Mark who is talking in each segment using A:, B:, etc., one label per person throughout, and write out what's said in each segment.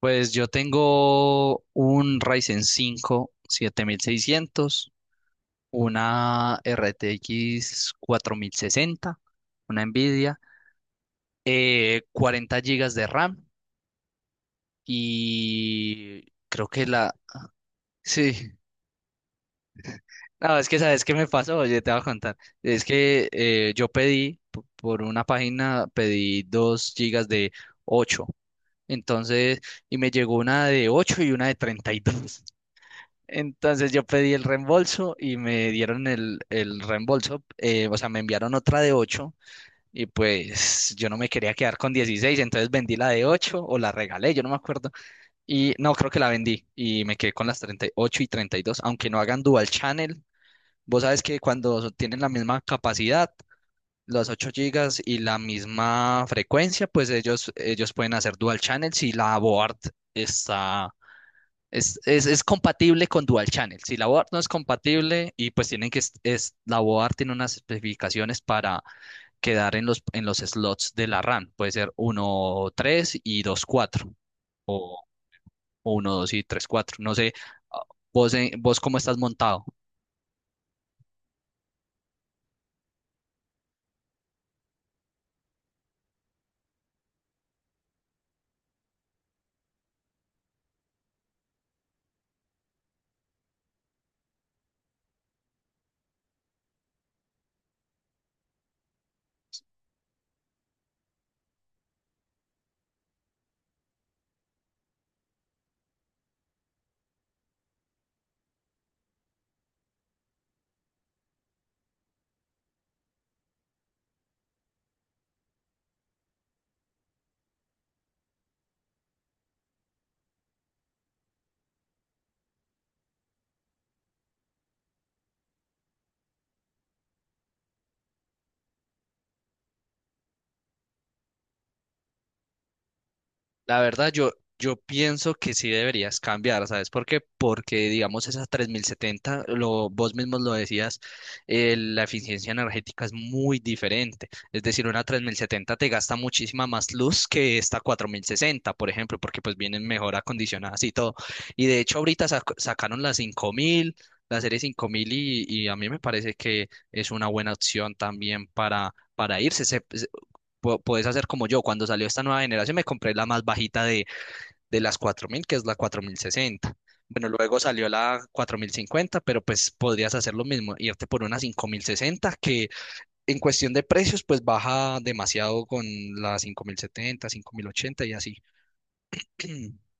A: Pues yo tengo un Ryzen 5 7600, una RTX 60, una Nvidia, 40 GB de RAM y creo que la. Sí, no, es que sabes qué me pasó, oye, te voy a contar. Es que yo por una página, pedí 2 gigas de ocho. Entonces, y me llegó una de 8 y una de 32. Entonces yo pedí el reembolso y me dieron el reembolso, o sea, me enviaron otra de 8 y pues yo no me quería quedar con 16, entonces vendí la de 8 o la regalé, yo no me acuerdo. Y no, creo que la vendí y me quedé con las 38 y ocho y treinta y dos, aunque no hagan dual channel. Vos sabes que cuando tienen la misma capacidad, los 8 gigas y la misma frecuencia, pues ellos pueden hacer dual channel si la board está es compatible con Dual Channel. Si la board no es compatible y pues tienen que, es- la board tiene unas especificaciones para quedar en los slots de la RAM. Puede ser uno 3 y 2 4 o uno 2 y 3 cuatro. No sé. ah, vos, ¿cómo estás montado? La verdad, yo pienso que sí deberías cambiar, ¿sabes por qué? Porque, digamos, esa 3070, vos mismos lo decías, la eficiencia energética es muy diferente. Es decir, una 3070 te gasta muchísima más luz que esta 4060, por ejemplo, porque pues vienen mejor acondicionadas y todo. Y de hecho, ahorita sacaron la 5000, la serie 5000, y a mí me parece que es una buena opción también para, irse. Podés hacer como yo. Cuando salió esta nueva generación me compré la más bajita de, las 4000, que es la 4060. Bueno, luego salió la 4050, pero pues podrías hacer lo mismo, irte por una 5060, que en cuestión de precios pues baja demasiado con la 5070, 5080 y así.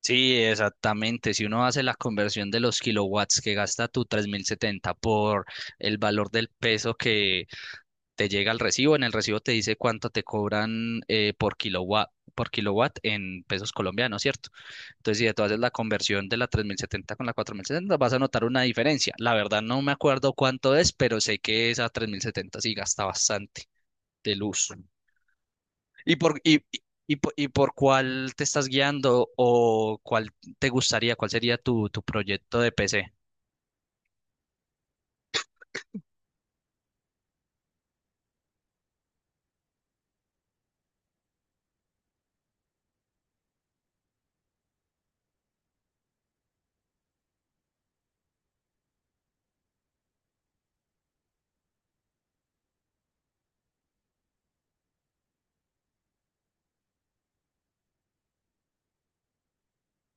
A: Sí, exactamente. Si uno hace la conversión de los kilowatts que gasta tu 3070 por el valor del peso que te llega el recibo, en el recibo te dice cuánto te cobran, por kilowatt, en pesos colombianos, ¿cierto? Entonces, si tú haces la conversión de la 3070 con la 4070, vas a notar una diferencia. La verdad no me acuerdo cuánto es, pero sé que esa 3070 sí gasta bastante de luz. ¿Y por, y, y por cuál te estás guiando, o cuál te gustaría, cuál sería tu proyecto de PC?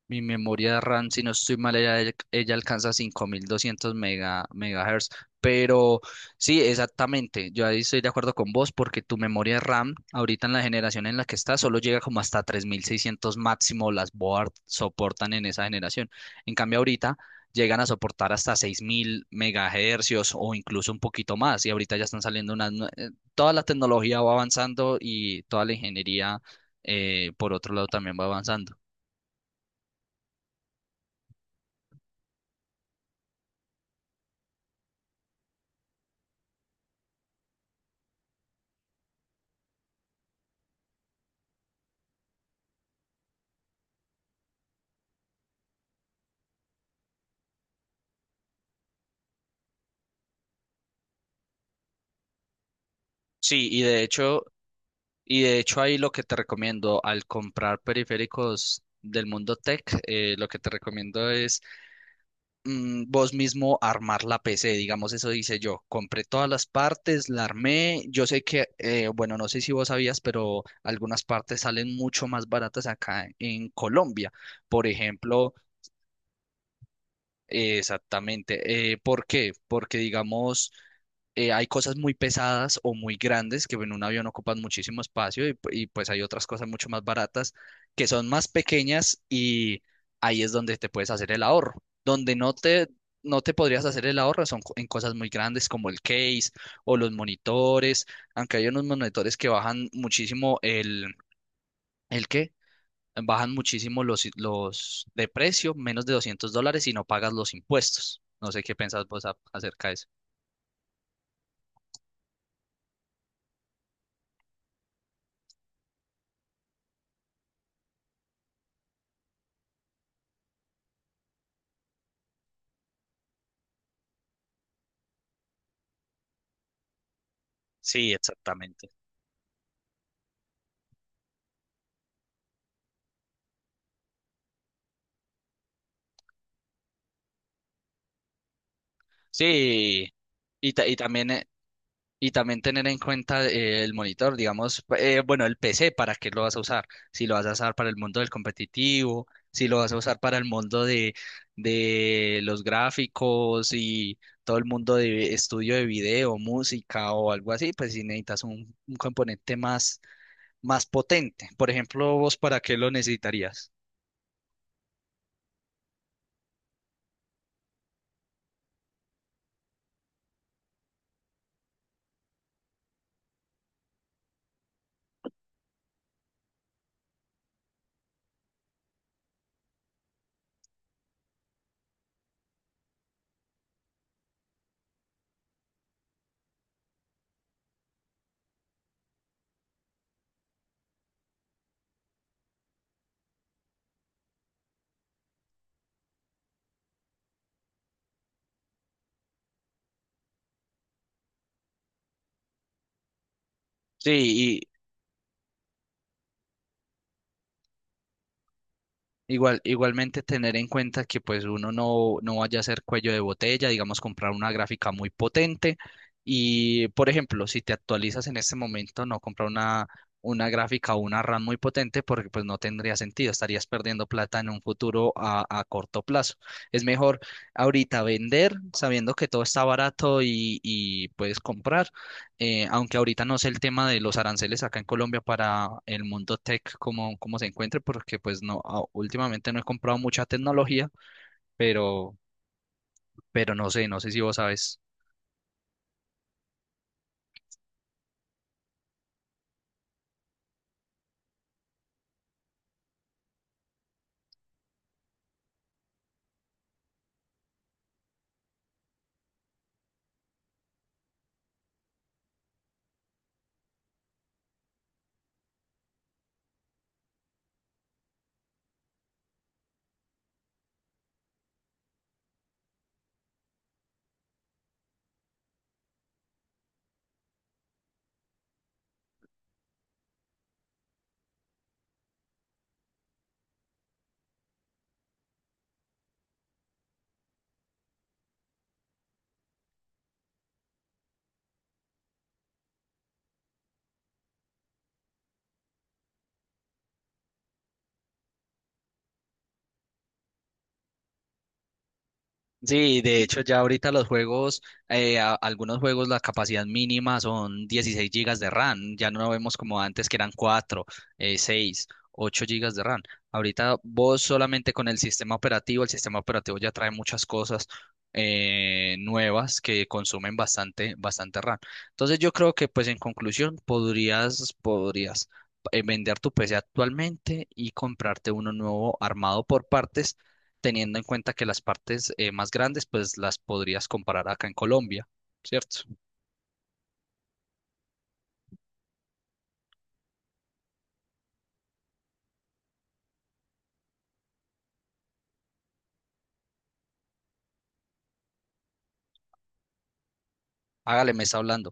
A: Mi memoria RAM, si no estoy mal, ella alcanza 5200 megahertz. Pero sí, exactamente. Yo ahí estoy de acuerdo con vos, porque tu memoria RAM, ahorita en la generación en la que está, solo llega como hasta 3600 máximo. Las board soportan en esa generación. En cambio, ahorita llegan a soportar hasta 6000 megahercios o incluso un poquito más. Y ahorita ya están saliendo unas. Toda la tecnología va avanzando, y toda la ingeniería, por otro lado, también va avanzando. Sí, y de hecho, ahí lo que te recomiendo al comprar periféricos del mundo tech, lo que te recomiendo es, vos mismo armar la PC, digamos. Eso dice yo. Compré todas las partes, la armé. Yo sé que, bueno, no sé si vos sabías, pero algunas partes salen mucho más baratas acá en Colombia. Por ejemplo. Exactamente. ¿Por qué? Porque, digamos, hay cosas muy pesadas o muy grandes que en un avión ocupan muchísimo espacio, y, pues hay otras cosas mucho más baratas, que son más pequeñas, y ahí es donde te puedes hacer el ahorro. Donde no te podrías hacer el ahorro son, en cosas muy grandes como el case o los monitores, aunque hay unos monitores que bajan muchísimo ¿el qué? Bajan muchísimo los de precio, menos de 200 dólares, y no pagas los impuestos. No sé qué pensás vos acerca de eso. Sí, exactamente. Sí, y, ta- y también y también tener en cuenta, el monitor, digamos, bueno, el PC, ¿para qué lo vas a usar? Si lo vas a usar para el mundo del competitivo, si lo vas a usar para el mundo de los gráficos y todo el mundo de estudio de video, música o algo así, pues si necesitas un componente más potente. Por ejemplo, ¿vos para qué lo necesitarías? Sí, igualmente tener en cuenta que pues uno no vaya a ser cuello de botella, digamos, comprar una gráfica muy potente y, por ejemplo, si te actualizas en este momento, no comprar una gráfica o una RAM muy potente, porque pues no tendría sentido, estarías perdiendo plata en un futuro a corto plazo. Es mejor ahorita vender sabiendo que todo está barato, y puedes comprar, aunque ahorita no sé el tema de los aranceles acá en Colombia para el mundo tech, cómo se encuentre, porque pues no, últimamente no he comprado mucha tecnología, pero, pero no sé si vos sabes. Sí, de hecho ya ahorita algunos juegos, la capacidad mínima son 16 gigas de RAM, ya no vemos como antes, que eran 4, 6, 8 gigas de RAM. Ahorita vos solamente con el sistema operativo, ya trae muchas cosas nuevas que consumen bastante, bastante RAM. Entonces yo creo que pues en conclusión podrías, vender tu PC actualmente y comprarte uno nuevo armado por partes, teniendo en cuenta que las partes, más grandes, pues las podrías comparar acá en Colombia, ¿cierto? Hágale, me está hablando.